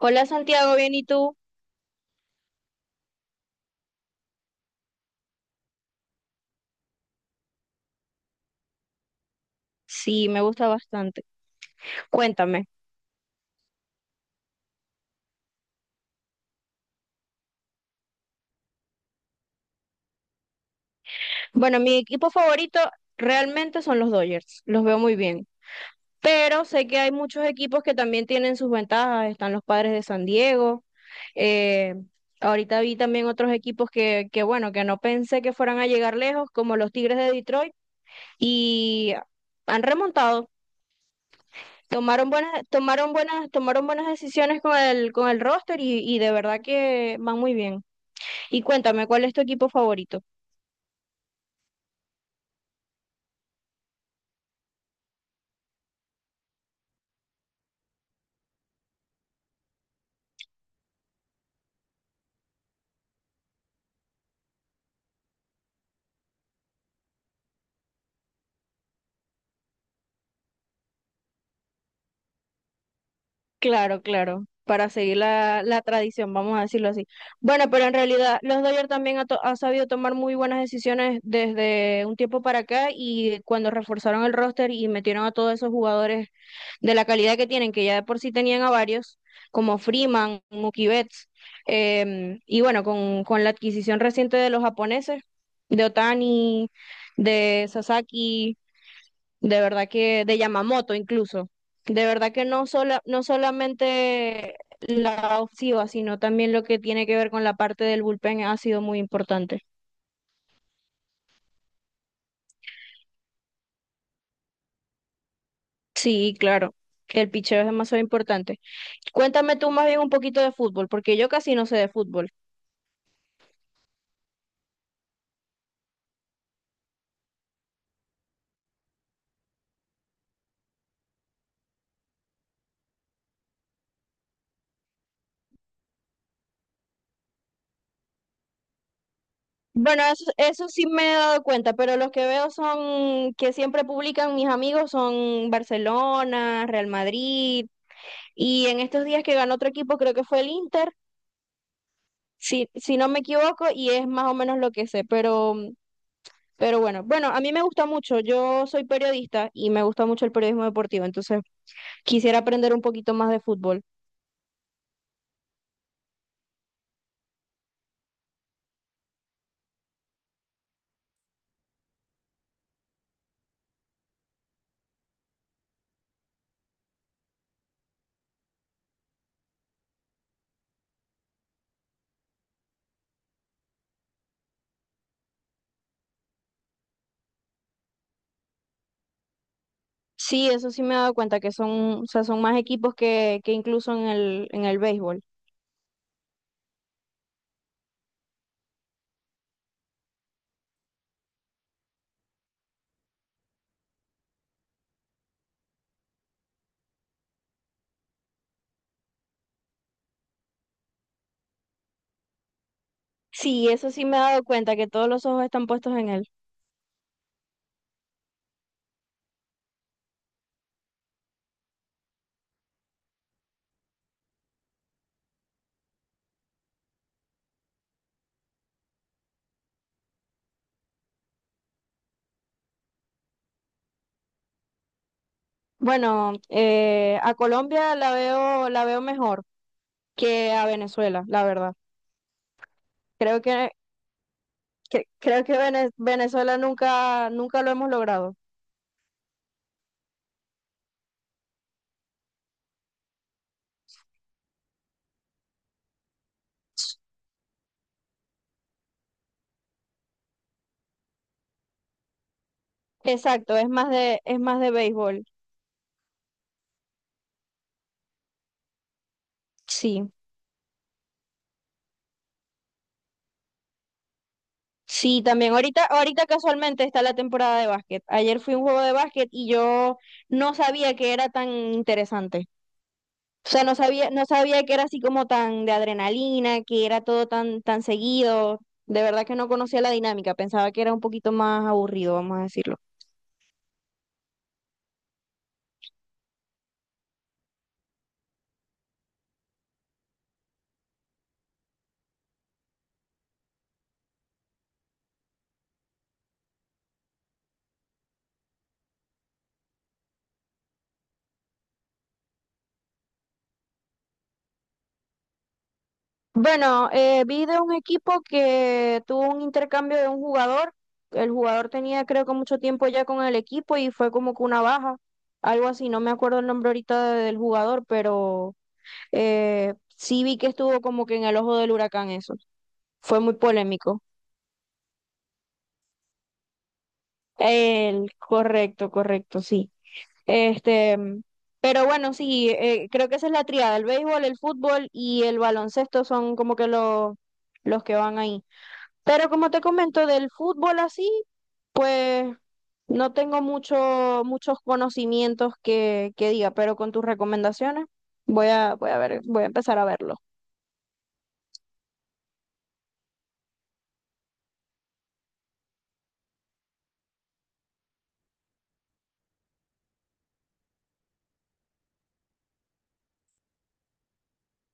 Hola Santiago, ¿bien y tú? Sí, me gusta bastante. Cuéntame. Bueno, mi equipo favorito realmente son los Dodgers, los veo muy bien, pero sé que hay muchos equipos que también tienen sus ventajas, están los Padres de San Diego, eh, ahorita vi también otros equipos bueno, que no pensé que fueran a llegar lejos, como los Tigres de Detroit, y han remontado. Tomaron buenas decisiones con el roster y de verdad que van muy bien. Y cuéntame, ¿cuál es tu equipo favorito? Claro, para seguir la tradición, vamos a decirlo así. Bueno, pero en realidad los Dodgers también ha sabido tomar muy buenas decisiones desde un tiempo para acá y cuando reforzaron el roster y metieron a todos esos jugadores de la calidad que tienen, que ya de por sí tenían a varios, como Freeman, Mookie Betts, y bueno, con la adquisición reciente de los japoneses, de Otani, de Sasaki, de verdad que, de Yamamoto incluso, de verdad que no solamente la ofensiva, sino también lo que tiene que ver con la parte del bullpen ha sido muy importante. Sí, claro, el picheo es demasiado importante. Cuéntame tú más bien un poquito de fútbol, porque yo casi no sé de fútbol. Bueno, eso sí me he dado cuenta, pero los que veo son que siempre publican mis amigos son Barcelona, Real Madrid, y en estos días que ganó otro equipo, creo que fue el Inter, si no me equivoco, y es más o menos lo que sé, pero, bueno, a mí me gusta mucho, yo soy periodista y me gusta mucho el periodismo deportivo, entonces quisiera aprender un poquito más de fútbol. Sí, eso sí me he dado cuenta, que son, o sea, son más equipos que incluso en el béisbol. Sí, eso sí me he dado cuenta, que todos los ojos están puestos en él. Bueno, a Colombia la veo mejor que a Venezuela, la verdad. Creo que, creo que Venezuela nunca lo hemos logrado. Exacto, es más de béisbol. Sí. Sí, también ahorita casualmente está la temporada de básquet. Ayer fui a un juego de básquet y yo no sabía que era tan interesante. O sea, no sabía que era así como tan de adrenalina, que era tan seguido. De verdad que no conocía la dinámica, pensaba que era un poquito más aburrido, vamos a decirlo. Bueno, vi de un equipo que tuvo un intercambio de un jugador. El jugador tenía creo que mucho tiempo ya con el equipo y fue como que una baja, algo así. No me acuerdo el nombre ahorita del jugador, pero sí vi que estuvo como que en el ojo del huracán eso. Fue muy polémico. El, correcto, correcto, sí. Este, mm, pero bueno, sí, creo que esa es la triada. El béisbol, el fútbol y el baloncesto son como que los que van ahí. Pero como te comento, del fútbol así, pues no tengo muchos conocimientos que diga, pero con tus recomendaciones voy a ver, voy a empezar a verlo.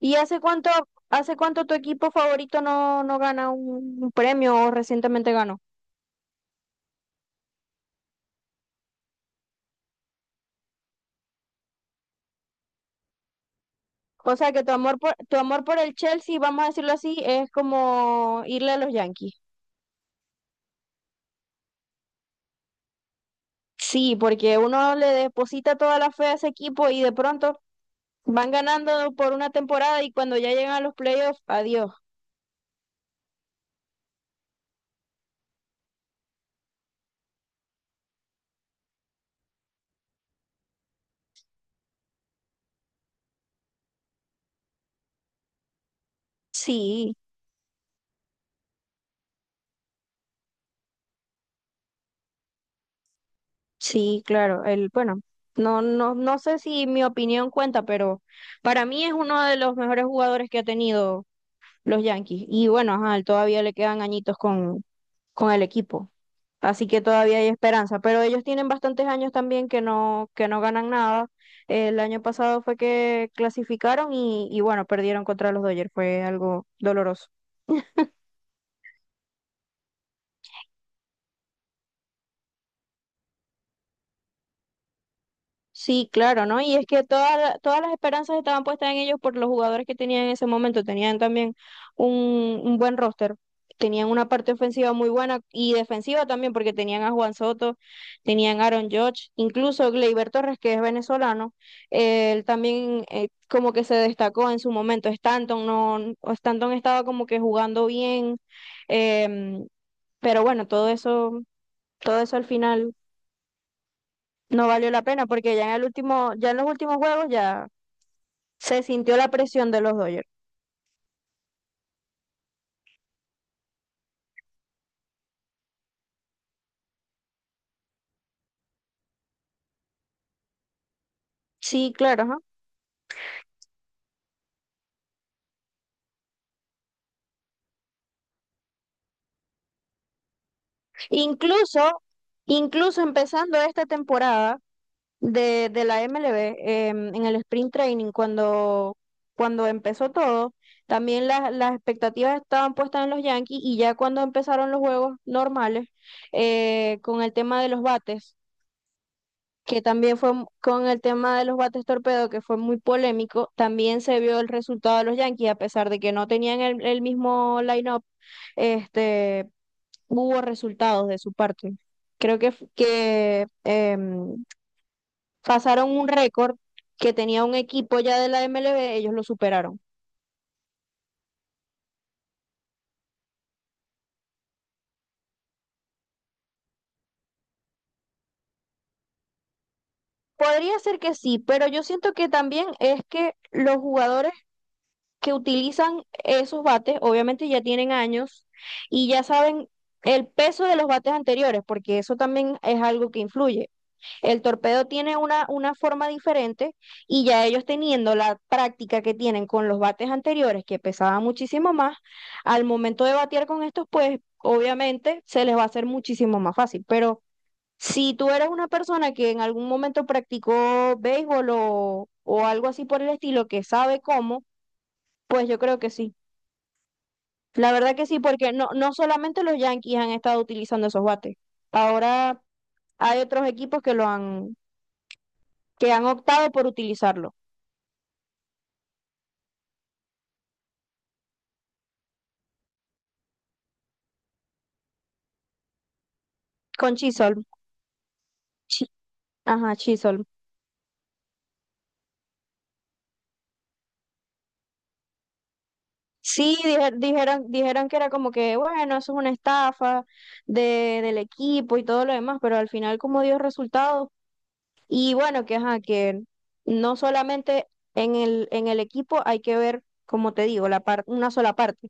Y hace cuánto, ¿hace cuánto tu equipo favorito no gana un premio o recientemente ganó? O sea que tu amor por el Chelsea, vamos a decirlo así, es como irle a los Yankees. Sí, porque uno le deposita toda la fe a ese equipo y de pronto van ganando por una temporada y cuando ya llegan a los playoffs, adiós. Sí, sí, claro. El, bueno, no sé si mi opinión cuenta, pero para mí es uno de los mejores jugadores que ha tenido los Yankees. Y bueno, ajá, todavía le quedan añitos con el equipo. Así que todavía hay esperanza. Pero ellos tienen bastantes años también que no ganan nada. El año pasado fue que clasificaron y bueno, perdieron contra los Dodgers. Fue algo doloroso. Sí, claro, ¿no? Y es que todas las esperanzas estaban puestas en ellos por los jugadores que tenían en ese momento. Tenían también un buen roster. Tenían una parte ofensiva muy buena y defensiva también, porque tenían a Juan Soto, tenían a Aaron Judge, incluso Gleyber Torres, que es venezolano, él también como que se destacó en su momento. Stanton no, Stanton estaba como que jugando bien, em, pero bueno, todo eso al final. No valió la pena porque ya en el último, ya en los últimos juegos ya se sintió la presión de los Dodgers. Sí, claro, ajá. Incluso, incluso empezando esta temporada de la MLB, en el sprint training, cuando empezó todo, también las expectativas estaban puestas en los Yankees y ya cuando empezaron los juegos normales, con el tema de los bates que también fue mu- con el tema de los bates torpedo, que fue muy polémico, también se vio el resultado de los Yankees, a pesar de que no tenían el mismo line-up, este, hubo resultados de su parte. Creo que, f- que em, pasaron un récord que tenía un equipo ya de la MLB, ellos lo superaron. Podría ser que sí, pero yo siento que también es que los jugadores que utilizan esos bates, obviamente ya tienen años y ya saben el peso de los bates anteriores, porque eso también es algo que influye. El torpedo tiene una forma diferente y ya ellos teniendo la práctica que tienen con los bates anteriores, que pesaban muchísimo más, al momento de batear con estos, pues obviamente se les va a hacer muchísimo más fácil. Pero si tú eres una persona que en algún momento practicó béisbol o algo así por el estilo, que sabe cómo, pues yo creo que sí. La verdad que sí, porque no solamente los Yankees han estado utilizando esos bates. Ahora hay otros equipos que han optado por utilizarlo. Con Chisholm. Chi- Ajá, Chisholm. Sí, dijeron dijeron que era como que, bueno, eso es una estafa del equipo y todo lo demás, pero al final como dio resultados, y bueno, que ajá, que no solamente en el equipo hay que ver, como te digo, una sola parte.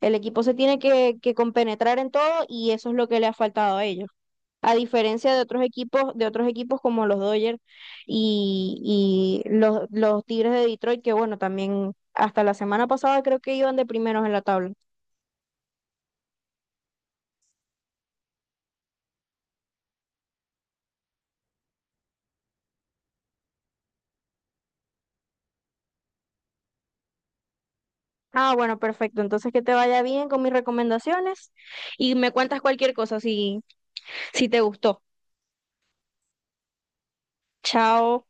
El equipo se tiene que compenetrar en todo y eso es lo que le ha faltado a ellos. A diferencia de otros equipos como los Dodgers y los Tigres de Detroit, que bueno, también hasta la semana pasada creo que iban de primeros en la tabla. Ah, bueno, perfecto. Entonces que te vaya bien con mis recomendaciones y me cuentas cualquier cosa si, si te gustó. Chao.